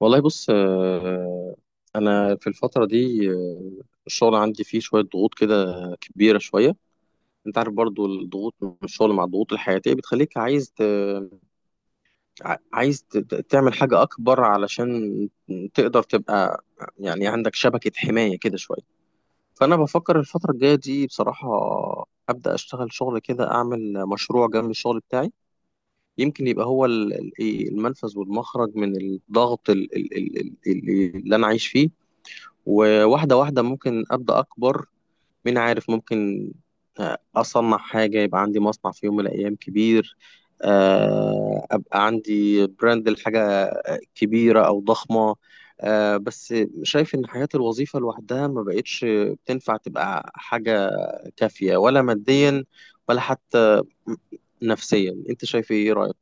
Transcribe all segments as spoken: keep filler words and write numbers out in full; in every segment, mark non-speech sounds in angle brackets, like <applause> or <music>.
والله بص آه، انا في الفتره دي آه، الشغل عندي فيه شويه ضغوط كده كبيره شويه. انت عارف برضو الضغوط من الشغل مع الضغوط الحياتيه بتخليك عايز ت... ع- عايز ت... ت- تعمل حاجه اكبر علشان تقدر تبقى يعني عندك شبكه حمايه كده شويه. فانا بفكر الفتره الجايه دي بصراحه ابدا اشتغل شغل كده، اعمل مشروع جنب الشغل بتاعي، يمكن يبقى هو ال- ال- إيه، المنفذ والمخرج من الضغط ال- ال- ال- ال- اللي انا عايش فيه. وواحدة واحدة ممكن أبدأ أكبر، مين عارف، ممكن آه، أصنع حاجة يبقى عندي مصنع في يوم من الأيام كبير، آه، أبقى عندي براند لحاجة كبيرة أو ضخمة. آه، بس شايف إن حياة الوظيفة لوحدها ما بقتش بتنفع تبقى حاجة كافية، ولا ماديا ولا حتى نفسيا. أنت شايف إيه، إيه رأيك؟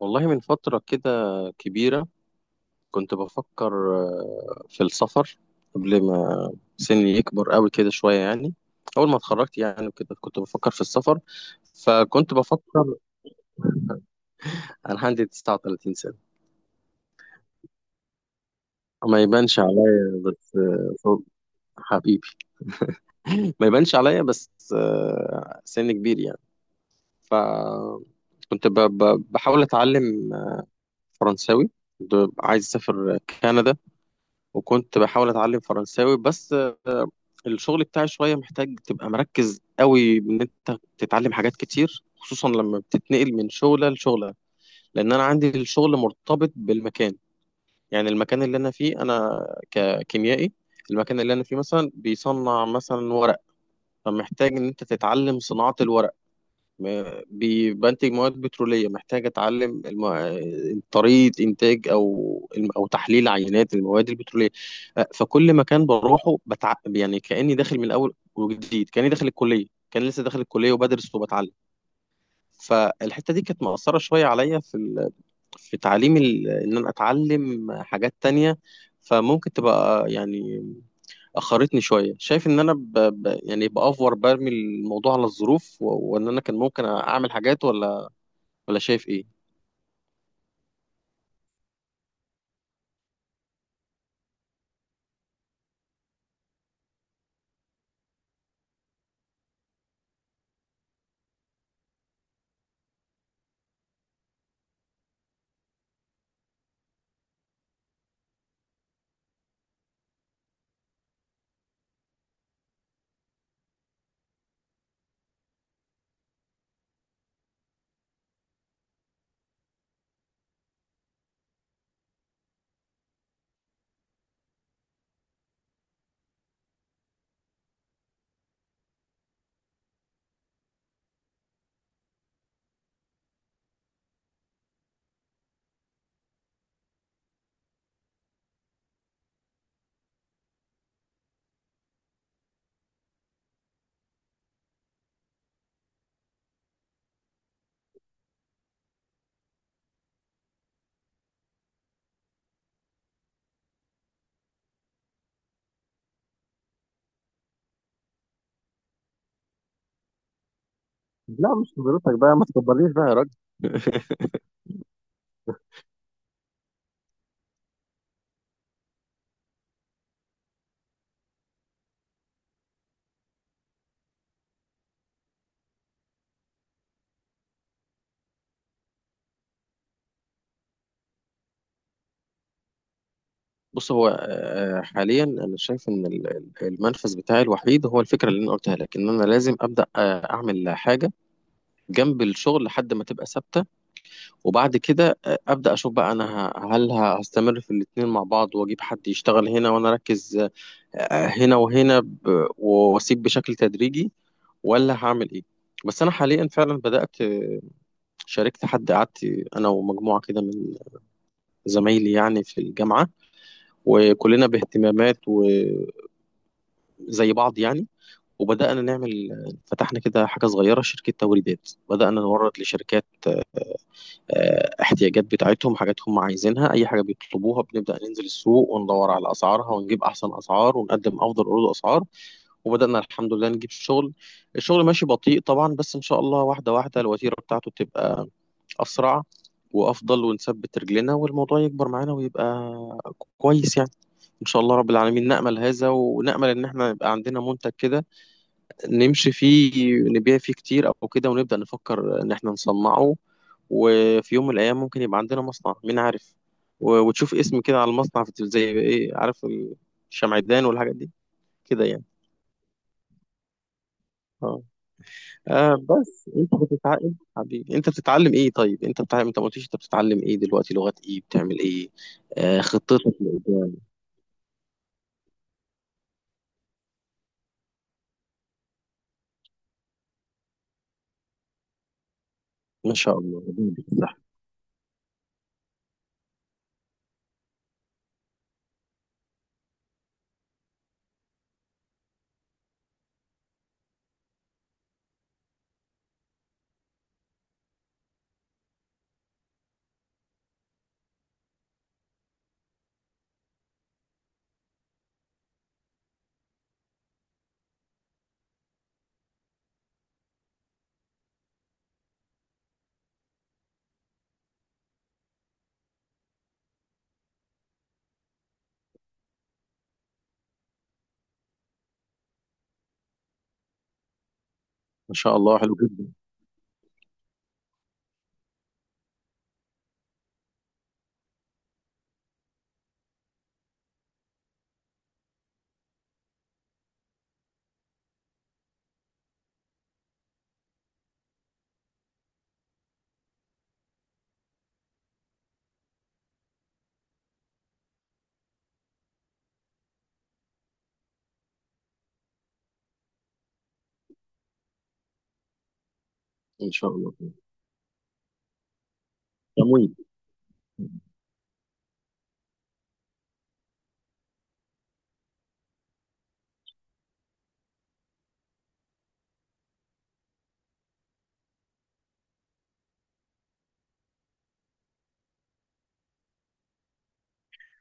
والله من فترة كده كبيرة كنت بفكر آه، في السفر، قبل ما سني يكبر قوي كده شوية يعني. أول ما اتخرجت يعني كده كنت بفكر في السفر، فكنت بفكر، أنا عندي تسعة وتلاتين سنة. ما يبانش عليا بس آه، صوت حبيبي. <laughs> ما يبانش عليا بس آه، سن كبير يعني. فكنت بحاول أتعلم فرنساوي، كنت عايز أسافر كندا، وكنت بحاول اتعلم فرنساوي بس آه، الشغل بتاعي شويه محتاج تبقى مركز قوي ان انت تتعلم حاجات كتير، خصوصا لما بتتنقل من شغله لشغله. لان انا عندي الشغل مرتبط بالمكان، يعني المكان اللي انا فيه، انا ككيميائي، المكان اللي انا فيه مثلا بيصنع مثلا ورق، فمحتاج ان انت تتعلم صناعه الورق. م- بي- بنتج مواد بترولية، محتاج أتعلم الم- طريقة إنتاج أو أو تحليل عينات المواد البترولية. أه، فكل مكان بروحه بتع... يعني كأني داخل من أول وجديد، كأني داخل الكلية، كان لسه داخل الكلية وبدرس وبتعلم. فالحتة دي كانت مأثرة شوية عليا في ال... في تعليم ال... إن أنا أتعلم حاجات تانية. فممكن تبقى يعني أخرتني شوية، شايف إن أنا ب... ب... يعني بأفور برمي الموضوع على الظروف و... وإن أنا كان ممكن أعمل حاجات، ولا ولا شايف ايه. لا مش حضرتك بقى، ما تكبرنيش بقى يا راجل. <laughs> بص، هو آه، حاليا انا شايف ان ال- ال- المنفذ بتاعي الوحيد هو الفكره اللي انا قلتها لك، ان انا لازم ابدا آه، اعمل حاجه جنب الشغل لحد ما تبقى ثابته. وبعد كده آه، ابدا اشوف بقى انا ه- هل ه- هستمر في الاتنين مع بعض واجيب حد يشتغل هنا وانا اركز آه، هنا، وهنا ب- واسيب بشكل تدريجي، ولا هعمل ايه. بس انا حاليا فعلا بدات آه، شاركت حد، قعدت انا ومجموعه كده من زمايلي يعني في الجامعة، وكلنا باهتمامات وزي بعض يعني، وبدأنا نعمل، فتحنا كده حاجة صغيرة، شركة توريدات، بدأنا نورد لشركات آه، احتياجات بتاعتهم، حاجات هم عايزينها، أي حاجة بيطلبوها بنبدأ ننزل السوق وندور على أسعارها ونجيب أحسن أسعار ونقدم أفضل عروض أسعار. وبدأنا الحمد لله نجيب شغل. الشغل ماشي بطيء طبعا، بس إن شاء الله واحدة واحدة الوتيرة بتاعته بتبقى اسرع وافضل، ونثبت رجلنا والموضوع يكبر معانا ويبقى كويس يعني. ان شاء الله رب العالمين نأمل هذا، ونأمل ان احنا يبقى عندنا منتج كده نمشي فيه، نبيع فيه كتير او كده، ونبدأ نفكر ان احنا نصنعه. وفي يوم من الايام ممكن يبقى عندنا مصنع، مين عارف، و- وتشوف اسم كده على المصنع في التلفزيون، زي ايه عارف، الشمعدان والحاجات دي، كده يعني. اه. آه بس انت بتتعلم حبيبي، انت بتتعلم ايه؟ طيب انت بتتعلم، انت ما قلتليش انت بتتعلم ايه دلوقتي، لغات ايه، بتعمل ايه، آه، خطتك لقدام. ما شاء الله ربنا يديك الصحة. ما شاء الله حلو جدا. ان شاء الله. تمويل.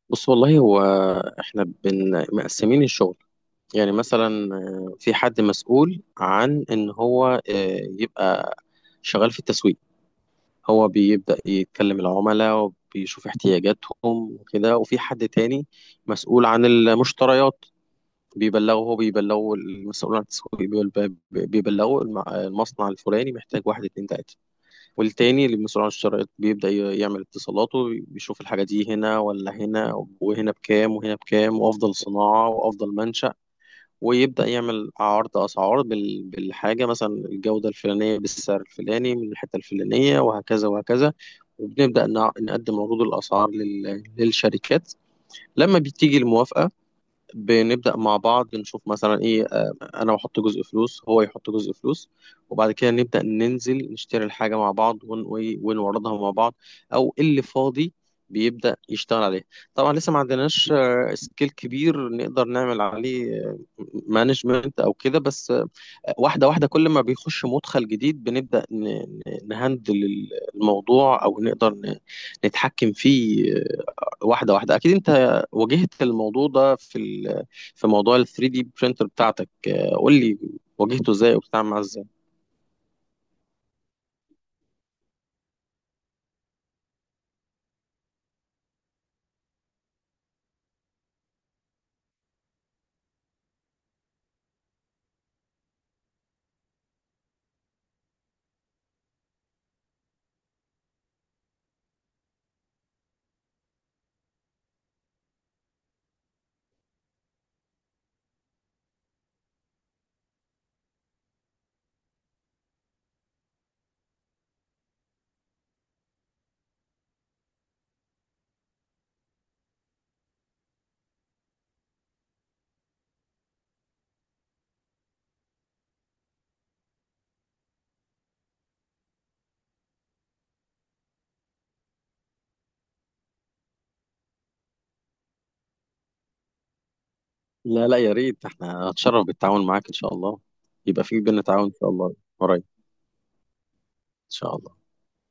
بص والله هو احنا بن مقسمين الشغل، يعني مثلا آه، في حد مسؤول عن ان هو آه، يبقى شغال في التسويق، هو بيبدأ يتكلم العملاء وبيشوف احتياجاتهم وكده، وفي حد تاني مسؤول عن المشتريات، بيبلغوا هو بيبلغوا المسؤول عن التسويق بيبل- بيبلغوا الم- المصنع الفلاني محتاج واحد اتنين تلاتة. والتاني اللي المسؤول عن الشرايط بيبدأ ي- يعمل اتصالاته، بيشوف الحاجة دي هنا ولا هنا، وهنا بكام وهنا بكام، وأفضل صناعة وأفضل منشأ، ويبدأ يعمل عرض أسعار بال- بالحاجة مثلا الجودة الفلانية بالسعر الفلاني من الحتة الفلانية وهكذا وهكذا. وبنبدأ نع- نقدم عروض الأسعار لل- للشركات. لما بتيجي الموافقة بنبدأ مع بعض نشوف مثلا ايه آه، انا بحط جزء فلوس، هو يحط جزء فلوس، وبعد كده نبدأ ننزل نشتري الحاجة مع بعض ون- وي- ونوردها مع بعض، او اللي فاضي بيبدأ يشتغل عليه. طبعا لسه ما عندناش آه، سكيل كبير نقدر نعمل عليه مانجمنت او كده، بس آه، واحدة واحدة كل ما بيخش مدخل جديد بنبدأ ن- ن- نهندل الموضوع، او نقدر ن- نتحكم فيه. واحده واحده. اكيد انت واجهت الموضوع ده في ال... في موضوع ال ثري دي برينتر بتاعتك، آه، قول لي، واجهته ازاي وبتتعامل معاه ازاي. لا لا، يا ريت، احنا هتشرف بالتعاون معاك ان شاء الله، يبقى في بينا تعاون ان شاء الله قريب. ان شاء الله.